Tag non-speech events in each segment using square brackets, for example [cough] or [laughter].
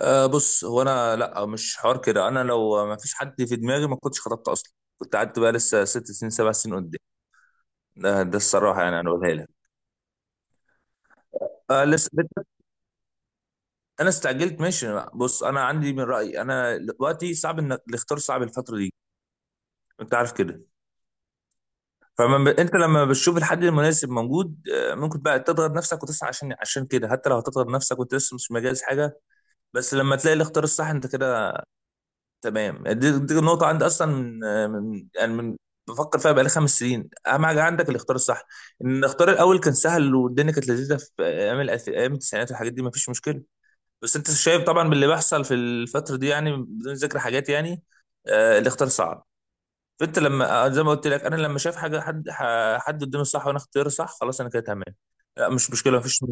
أه بص، هو انا لا، مش حوار كده. انا لو ما فيش حد في دماغي ما كنتش خطبت اصلا. كنت قعدت بقى لسه 6 سنين 7 سنين قدام. ده الصراحه، يعني انا بقولها لك. أه لسه. انا استعجلت، ماشي. بص، انا عندي من رايي انا دلوقتي صعب انك الاختيار صعب الفتره دي. انت عارف كده. انت لما بتشوف الحد المناسب موجود، آه، ممكن بقى تضغط نفسك وتسعى عشان كده، حتى لو هتضغط نفسك وانت لسه مش مجهز حاجه. بس لما تلاقي الاختيار الصح انت كده تمام. دي النقطة عندي أصلا من من بفكر فيها بقالي 5 سنين. أهم حاجة عندك الاختيار الصح. إن الاختيار الأول كان سهل، والدنيا كانت لذيذة في أيام التسعينات، والحاجات دي مفيش مشكلة. بس أنت شايف طبعا باللي بيحصل في الفترة دي، يعني بدون ذكر حاجات يعني. آه، الاختيار صعب. فأنت لما آه، زي ما قلت لك، أنا لما شايف حاجة حد حد قدامي صح، وأنا اختياري صح، خلاص أنا كده تمام. لا مش مشكلة مفيش.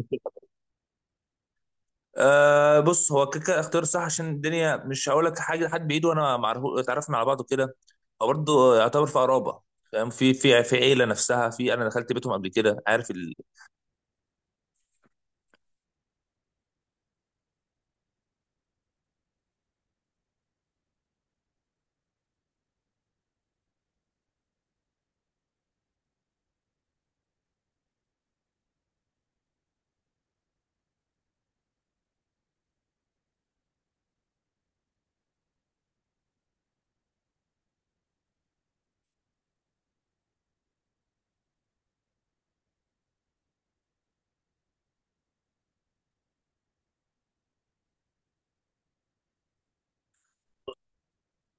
أه بص، هو كيكا اختيار صح. عشان الدنيا، مش هقول لك حاجه لحد بايده، وانا معرف اتعرفنا على بعض وكده. هو برضه يعتبر في قرابه، فاهم؟ في في عيله نفسها، في انا دخلت بيتهم قبل كده، عارف.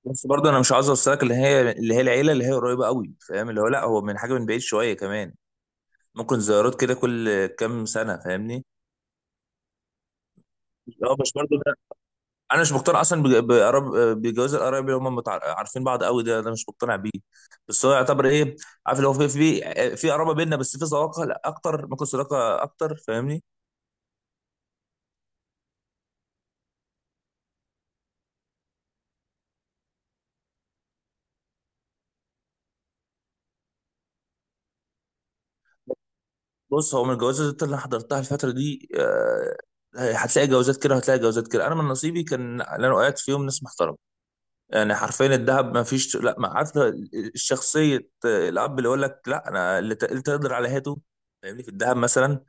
بس برضه انا مش عاوز اوصلك اللي هي العيله اللي هي قريبه قوي، فاهم؟ اللي هو لا، هو من حاجه من بعيد شويه كمان. ممكن زيارات كده كل كام سنه، فاهمني؟ اه مش برضه، انا مش مقتنع اصلا بج- بقراب بجواز القرايب اللي هم عارفين بعض قوي. ده مش مقتنع بيه. بس هو يعتبر ايه؟ عارف اللي هو في في قرابه بيننا، بس في صداقه، لا اكتر، ممكن صداقه اكتر، فاهمني؟ بص، هو من الجوازات اللي انا حضرتها الفتره دي آه، هتلاقي جوازات كده وهتلاقي جوازات كده. انا من نصيبي كان اللي انا وقعت فيهم ناس محترمه، يعني حرفيا الذهب، ما فيش، لا، ما عارف. شخصيه الاب اللي يقول لك لا، اللي تقدر على هاته، فاهمني؟ في الذهب مثلا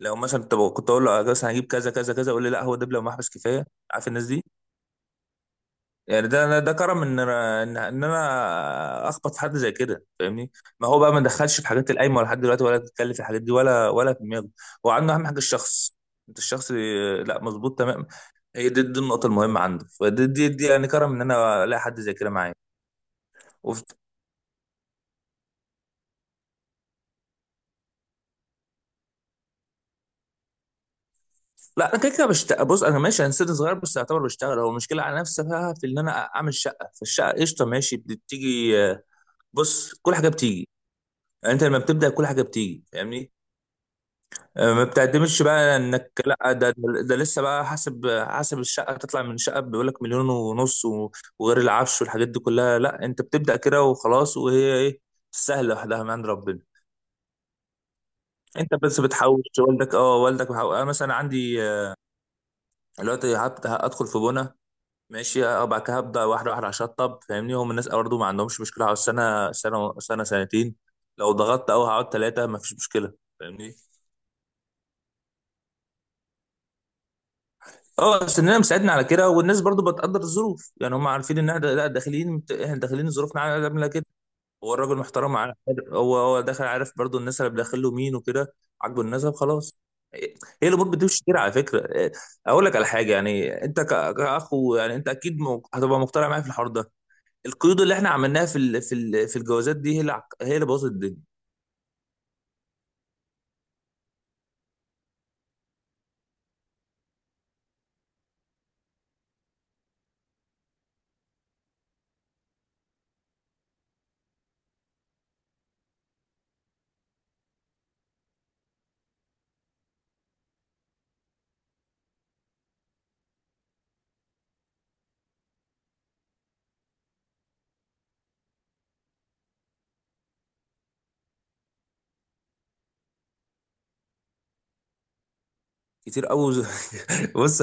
لو مثلا كنت اقول له آه، مثلا هجيب كذا كذا كذا، يقول لي لا، هو دبلة ومحبس كفايه. عارف الناس دي؟ يعني ده كرم ان انا اخبط في حد زي كده، فاهمني؟ ما هو بقى ما دخلش في حاجات القايمه ولا لحد دلوقتي، ولا بيتكلم في الحاجات دي ولا في دماغه. هو عنده اهم حاجه الشخص. انت الشخص آه، لا مظبوط تمام. هي دي النقطه المهمه عنده. فدي دي يعني كرم ان انا الاقي حد زي كده معايا. وف... لا انا كده كده بشتغل. بص انا ماشي، انا سن صغير، بس اعتبر بشتغل. هو المشكله على نفسها في ان انا اعمل شقه، فالشقه قشطه، ماشي، بتيجي. بص كل حاجه بتيجي. يعني انت لما بتبدا كل حاجه بتيجي، فاهمني؟ آه، ما بتعتمدش بقى انك لا ده لسه بقى حسب الشقه تطلع. من شقه بيقول لك مليون ونص وغير العفش والحاجات دي كلها. لا، انت بتبدا كده وخلاص. وهي ايه، سهله لوحدها من عند ربنا. انت بس بتحوش والدك. اه، والدك آه مثلا عندي آه، دلوقتي هدخل في بنا، ماشي، آه، بعد كده هبدا واحده واحده اشطب، فاهمني؟ هم الناس برضه ما عندهمش مشكله على السنه، سنه سنه سنتين. لو ضغطت قوي هقعد ثلاثه، ما فيش مشكله، فاهمني؟ اه سننا مساعدنا على كده. والناس برضو بتقدر الظروف يعني، هم عارفين ان احنا لا داخلين، احنا داخلين ظروفنا عامله كده. هو الراجل محترم، عارف؟ هو هو داخل عارف برضو الناس اللي داخل له مين وكده. عاجبه النسب، خلاص. هي الامور بتمشي كده على فكره، إيه، اقول لك على حاجه. يعني انت كاخ، يعني انت اكيد هتبقى مقتنع معايا في الحوار ده. القيود اللي احنا عملناها في الجوازات دي هي اللي هي اللي بوظت الدنيا. كتير قوي. [laughs] بص،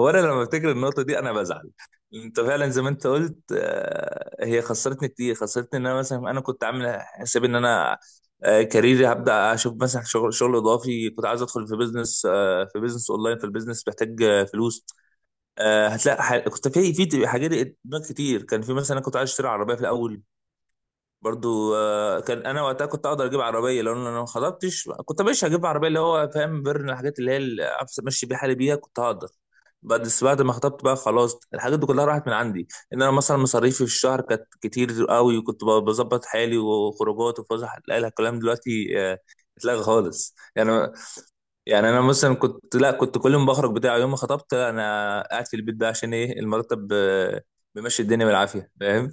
هو انا لما افتكر النقطه دي انا بزعل. انت فعلا زي ما انت قلت آه، هي خسرتني كتير. خسرتني ان انا مثلا، انا كنت عامل حساب ان انا آه، كاريري هبدا اشوف مثلا شغل اضافي، كنت عايز ادخل في بيزنس آه، في بيزنس اونلاين، في البيزنس محتاج آه، فلوس. آه، هتلاقي كنت في حاجات دماغ كتير. كان في مثلا انا كنت عايز اشتري عربيه في الاول. برضو آه، كان انا وقتها كنت اقدر اجيب عربيه لو انا ما خطبتش. كنت مش هجيب عربيه اللي هو، فاهم، بيرن، الحاجات اللي هي اللي أعرف امشي بيها حالي بيها، كنت هقدر. بعد، بس بعد ما خطبت بقى خلاص، الحاجات دي كلها راحت من عندي. ان انا مثلا مصاريفي في الشهر كانت كتير قوي، وكنت بظبط حالي، وخروجات، وفسح، لا لا، الكلام دلوقتي آه، اتلغى خالص يعني. يعني انا مثلا كنت لا كنت كل يوم بخرج بتاع. يوم ما خطبت انا قاعد في البيت ده، عشان ايه؟ المرتب آه، بيمشي الدنيا بالعافيه، فاهم؟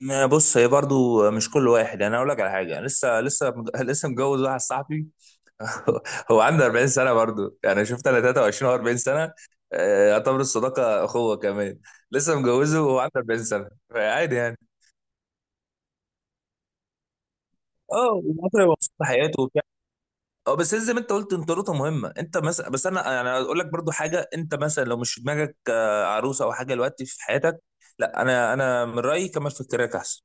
ما بص، هي برضو مش كل واحد. يعني انا اقول لك على حاجه، أنا لسه متجوز واحد صاحبي. [laughs] هو عنده 40 سنه برضو. يعني شفت؟ انا 23 و 40 سنه، آه، يعتبر الصداقه اخوه كمان. لسه متجوزه وهو عنده 40 سنه، فعادي يعني. اه وبعدين هو مبسوط بحياته وبتاع. اه بس زي ما انت قلت، انطروته مهمه. انت مثلا، بس انا يعني اقول لك برضو حاجه، انت مثلا لو مش في دماغك آه، عروسه او حاجه دلوقتي في حياتك، لا انا من رايي كمل في الكراك احسن.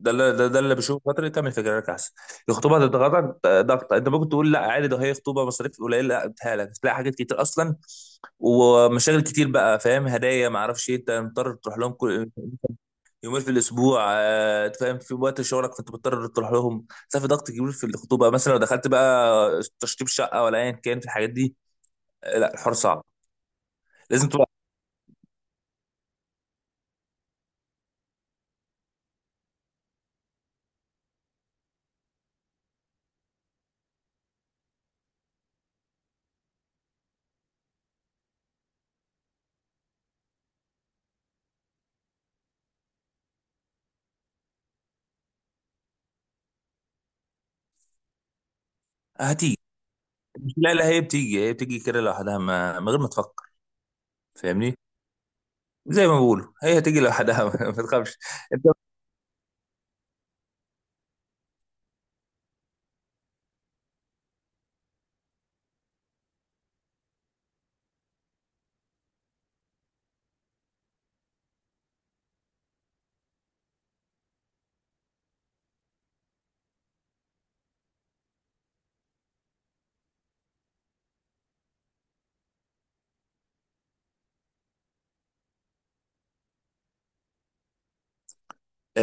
ده اللي ده اللي بشوفه. فتره تعمل فكرك احسن. الخطوبه هتضغطك ضغط. انت ممكن تقول لا عادي، ده هي خطوبه، مصاريف قليله. لا، بتهالك تلاقي حاجات كتير اصلا، ومشاغل كتير بقى، فاهم؟ هدايا، ما اعرفش ايه. انت مضطر تروح لهم كل يومين في الاسبوع آه، فاهم؟ في وقت شغلك فانت مضطر تروح لهم. ده في ضغط كبير في الخطوبه. مثلا لو دخلت بقى تشطيب شقه ولا ايا كان في الحاجات دي، آه، لا الحوار صعب. لازم تبقى هتيجي. لا لا، هي بتيجي، هي بتيجي كده لوحدها، من غير ما تفكر، فاهمني؟ زي ما بقولوا، هي هتيجي لوحدها. [laughs] ما تخافش. انت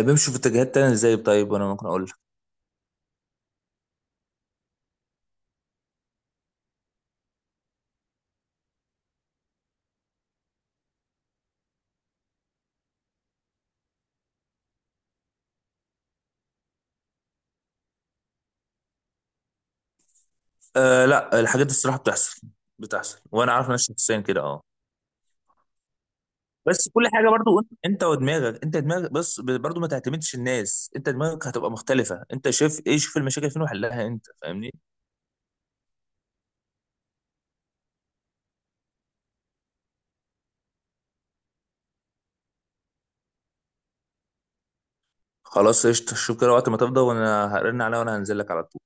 بيمشوا في اتجاهات تانية ازاي طيب؟ وانا ممكن اقول لك، آه لا الحاجات دي الصراحه بتحصل. بتحصل، وانا عارف ناس شخصيا كده، اه. بس كل حاجه برضو انت ودماغك، انت دماغك بس برضو ما تعتمدش الناس. انت دماغك هتبقى مختلفه. انت شايف ايه؟ شوف المشاكل فين وحلها انت، فاهمني؟ خلاص قشطه، شوف كده وقت ما تفضى، وانا هرن عليها وانا هنزل لك على طول.